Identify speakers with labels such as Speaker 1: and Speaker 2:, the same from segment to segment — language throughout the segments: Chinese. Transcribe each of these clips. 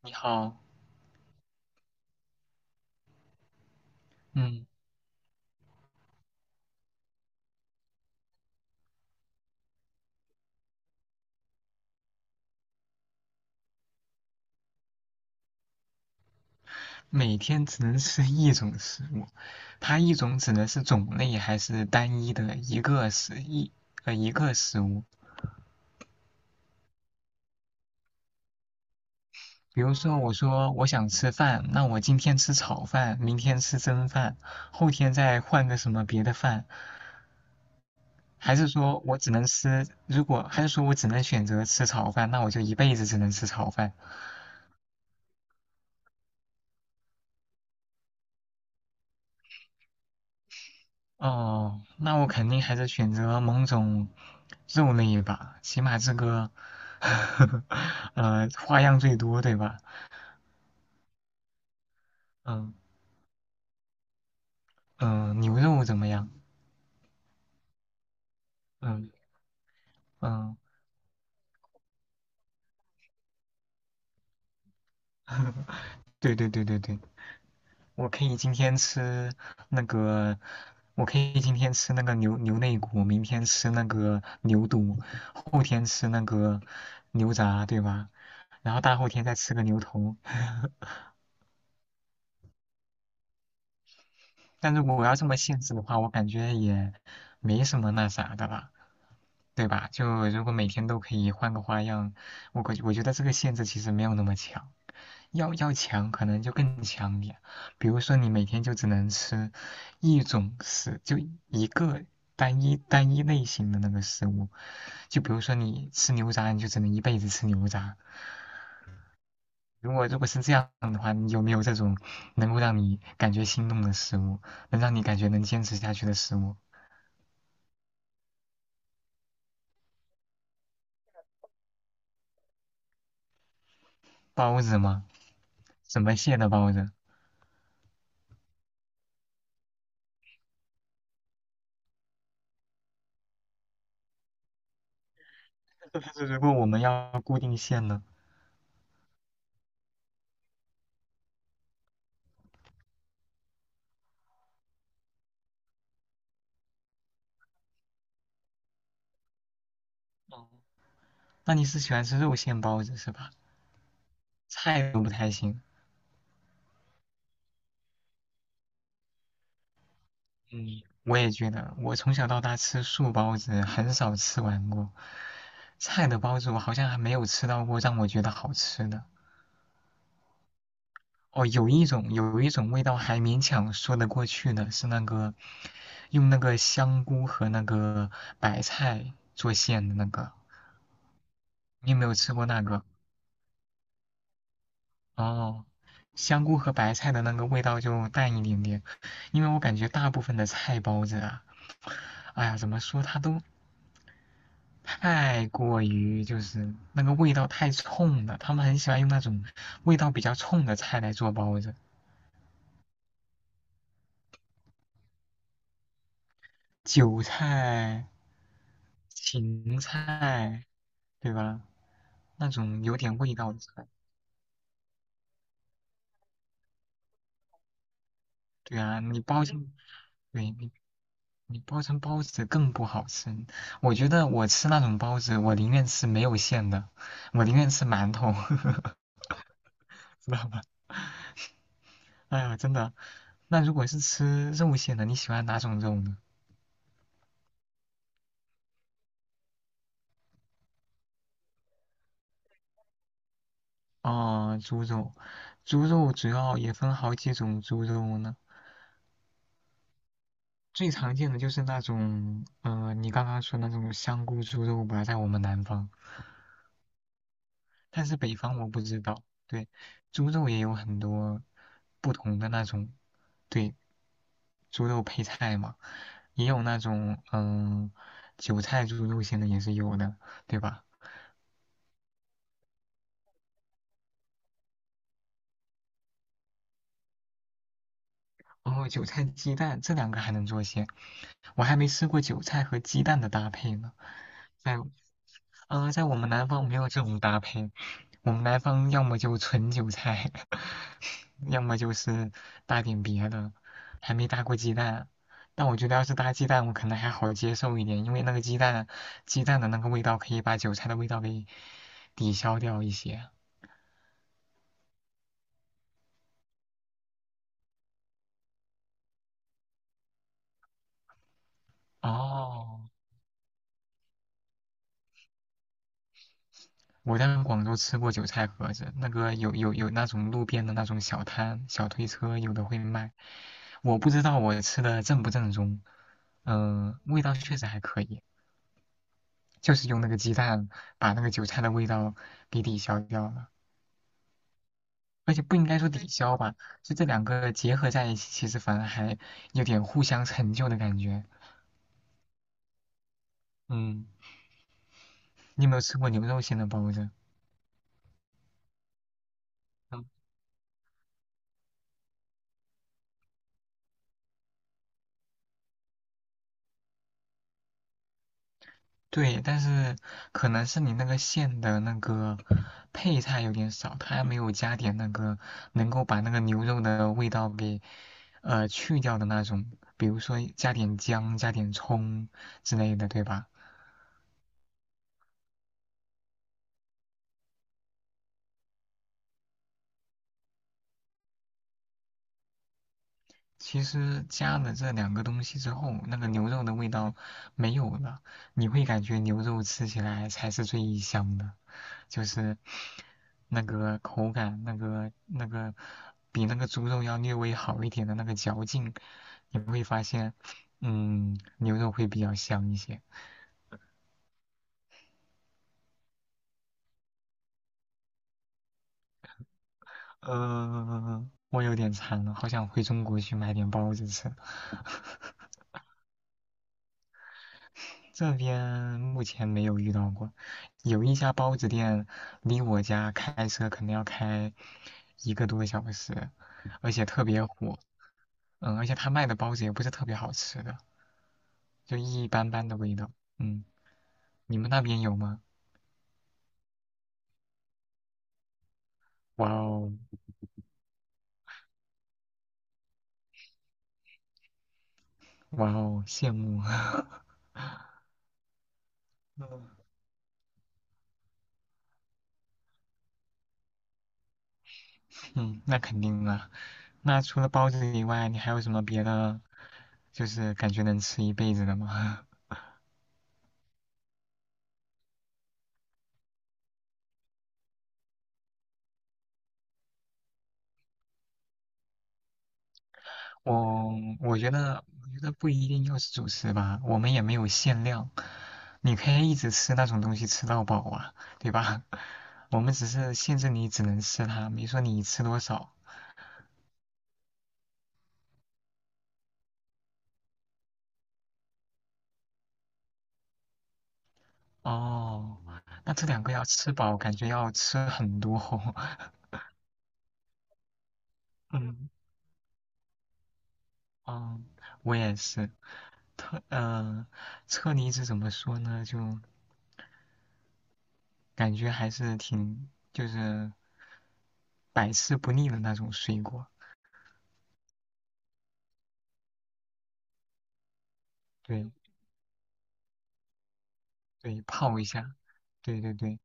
Speaker 1: 你好。嗯，每天只能吃一种食物，它一种指的是种类还是单一的一个食物？比如说，我说我想吃饭，那我今天吃炒饭，明天吃蒸饭，后天再换个什么别的饭，还是说我只能吃，如果还是说我只能选择吃炒饭，那我就一辈子只能吃炒饭。哦，那我肯定还是选择某种肉类吧，起码这个，花样最多，对吧？嗯牛肉怎么样？嗯嗯，对对对对对，我可以今天吃那个，我可以今天吃那个牛肋骨，明天吃那个牛肚，后天吃那个牛杂，对吧？然后大后天再吃个牛头。但如果我要这么限制的话，我感觉也没什么那啥的了，对吧？就如果每天都可以换个花样，我觉得这个限制其实没有那么强，要强可能就更强点。比如说你每天就只能吃一种食，就一个单一类型的那个食物，就比如说你吃牛杂，你就只能一辈子吃牛杂。如果是这样，你有没有这种能够让你感觉心动的食物，能让你感觉能坚持下去的食物？包子吗？什么馅的包子？就是如果我们要固定馅呢？哦，那你是喜欢吃肉馅包子是吧？菜都不太行。嗯，我也觉得，我从小到大吃素包子很少吃完过，菜的包子我好像还没有吃到过让我觉得好吃的。哦，有一种味道还勉强说得过去的是那个用那个香菇和那个白菜做馅的那个，你有没有吃过那个？哦，香菇和白菜的那个味道就淡一点点，因为我感觉大部分的菜包子啊，哎呀，怎么说它都太过于就是那个味道太冲了，他们很喜欢用那种味道比较冲的菜来做包子，韭菜、芹菜，对吧？那种有点味道的菜，对啊，你包进，对，你包成包子更不好吃。我觉得我吃那种包子，我宁愿吃没有馅的，我宁愿吃馒头，知道吧？哎呀，真的。那如果是吃肉馅的，你喜欢哪种肉呢？哦，猪肉，猪肉主要也分好几种猪肉呢。最常见的就是那种，你刚刚说那种香菇猪肉吧，在我们南方，但是北方我不知道。对，猪肉也有很多不同的那种，对，猪肉配菜嘛。也有那种韭菜猪肉馅的也是有的，对吧？哦，韭菜鸡蛋这两个还能做馅，我还没吃过韭菜和鸡蛋的搭配呢。在在我们南方没有这种搭配，我们南方要么就纯韭菜，要么就是搭点别的，还没搭过鸡蛋。但我觉得要是搭鸡蛋，我可能还好接受一点，因为那个鸡蛋，鸡蛋的那个味道可以把韭菜的味道给抵消掉一些。哦，我在广州吃过韭菜盒子，那个有那种路边的那种小摊、小推车，有的会卖。我不知道我吃的正不正宗，味道确实还可以，就是用那个鸡蛋把那个韭菜的味道给抵消掉了，而且不应该说抵消吧，就这两个结合在一起，其实反而还有点互相成就的感觉。嗯，你有没有吃过牛肉馅的包子？嗯对，但是可能是你那个馅的那个配菜有点少，它还没有加点那个能够把那个牛肉的味道给去掉的那种，比如说加点姜、加点葱之类的，对吧？其实加了这两个东西之后，那个牛肉的味道没有了，你会感觉牛肉吃起来才是最香的，就是那个口感，那个比那个猪肉要略微好一点的那个嚼劲，你会发现，牛肉会比较香一些。我有点馋了，好想回中国去买点包子吃。这边目前没有遇到过，有一家包子店离我家开车可能要开一个多小时，而且特别火。而且他卖的包子也不是特别好吃的，就一般般的味道。嗯，你们那边有吗？哇哦，哇哦，羡慕。嗯，嗯，那肯定啊。那除了包子以外，你还有什么别的，就是感觉能吃一辈子的吗？我我觉得，我觉得不一定要是主食吧，我们也没有限量，你可以一直吃那种东西吃到饱啊，对吧？我们只是限制你只能吃它，没说你吃多少。哦，那这两个要吃饱，感觉要吃很多哦。嗯，哦，我也是。特呃，车厘子怎么说呢？就感觉还是挺就是百吃不腻的那种水果。对对，泡一下，对对对，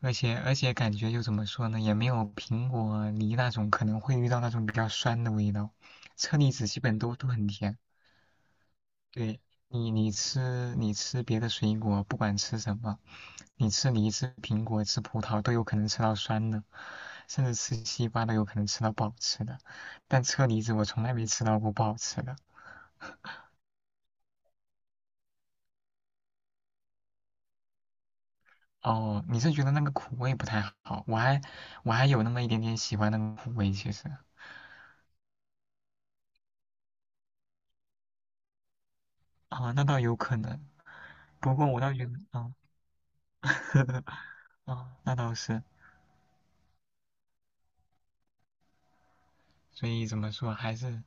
Speaker 1: 而且感觉就怎么说呢，也没有苹果、梨那种可能会遇到那种比较酸的味道。车厘子基本都很甜。对。你吃别的水果，不管吃什么，你吃梨、吃苹果、吃葡萄都有可能吃到酸的，甚至吃西瓜都有可能吃到不好吃的。但车厘子我从来没吃到过不好吃的。哦，你是觉得那个苦味不太好？我还有那么一点点喜欢那个苦味，其实啊，那倒有可能。不过我倒觉得啊，啊，那倒是，所以怎么说还是。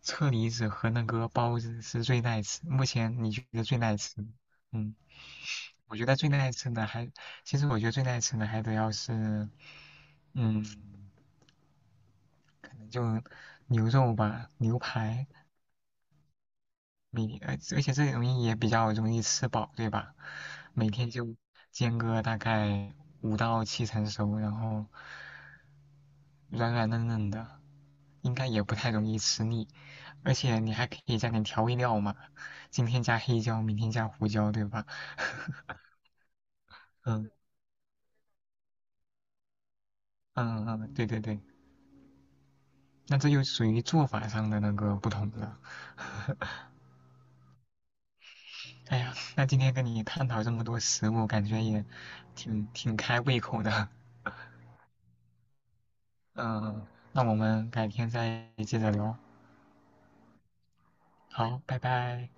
Speaker 1: 车厘子和那个包子是最耐吃，目前你觉得最耐吃的嗯，我觉得最耐吃的还，其实我觉得最耐吃的还得要是，嗯，可能就牛肉吧，牛排，而且这容易也比较容易吃饱，对吧？每天就煎个大概5到7成熟，然后软软嫩嫩的，应该也不太容易吃腻，而且你还可以加点调味料嘛，今天加黑椒，明天加胡椒，对吧？嗯嗯嗯，对对对，那这就属于做法上的那个不同了。哎呀，那今天跟你探讨这么多食物，感觉也挺开胃口的。嗯，那我们改天再接着聊。好，拜拜。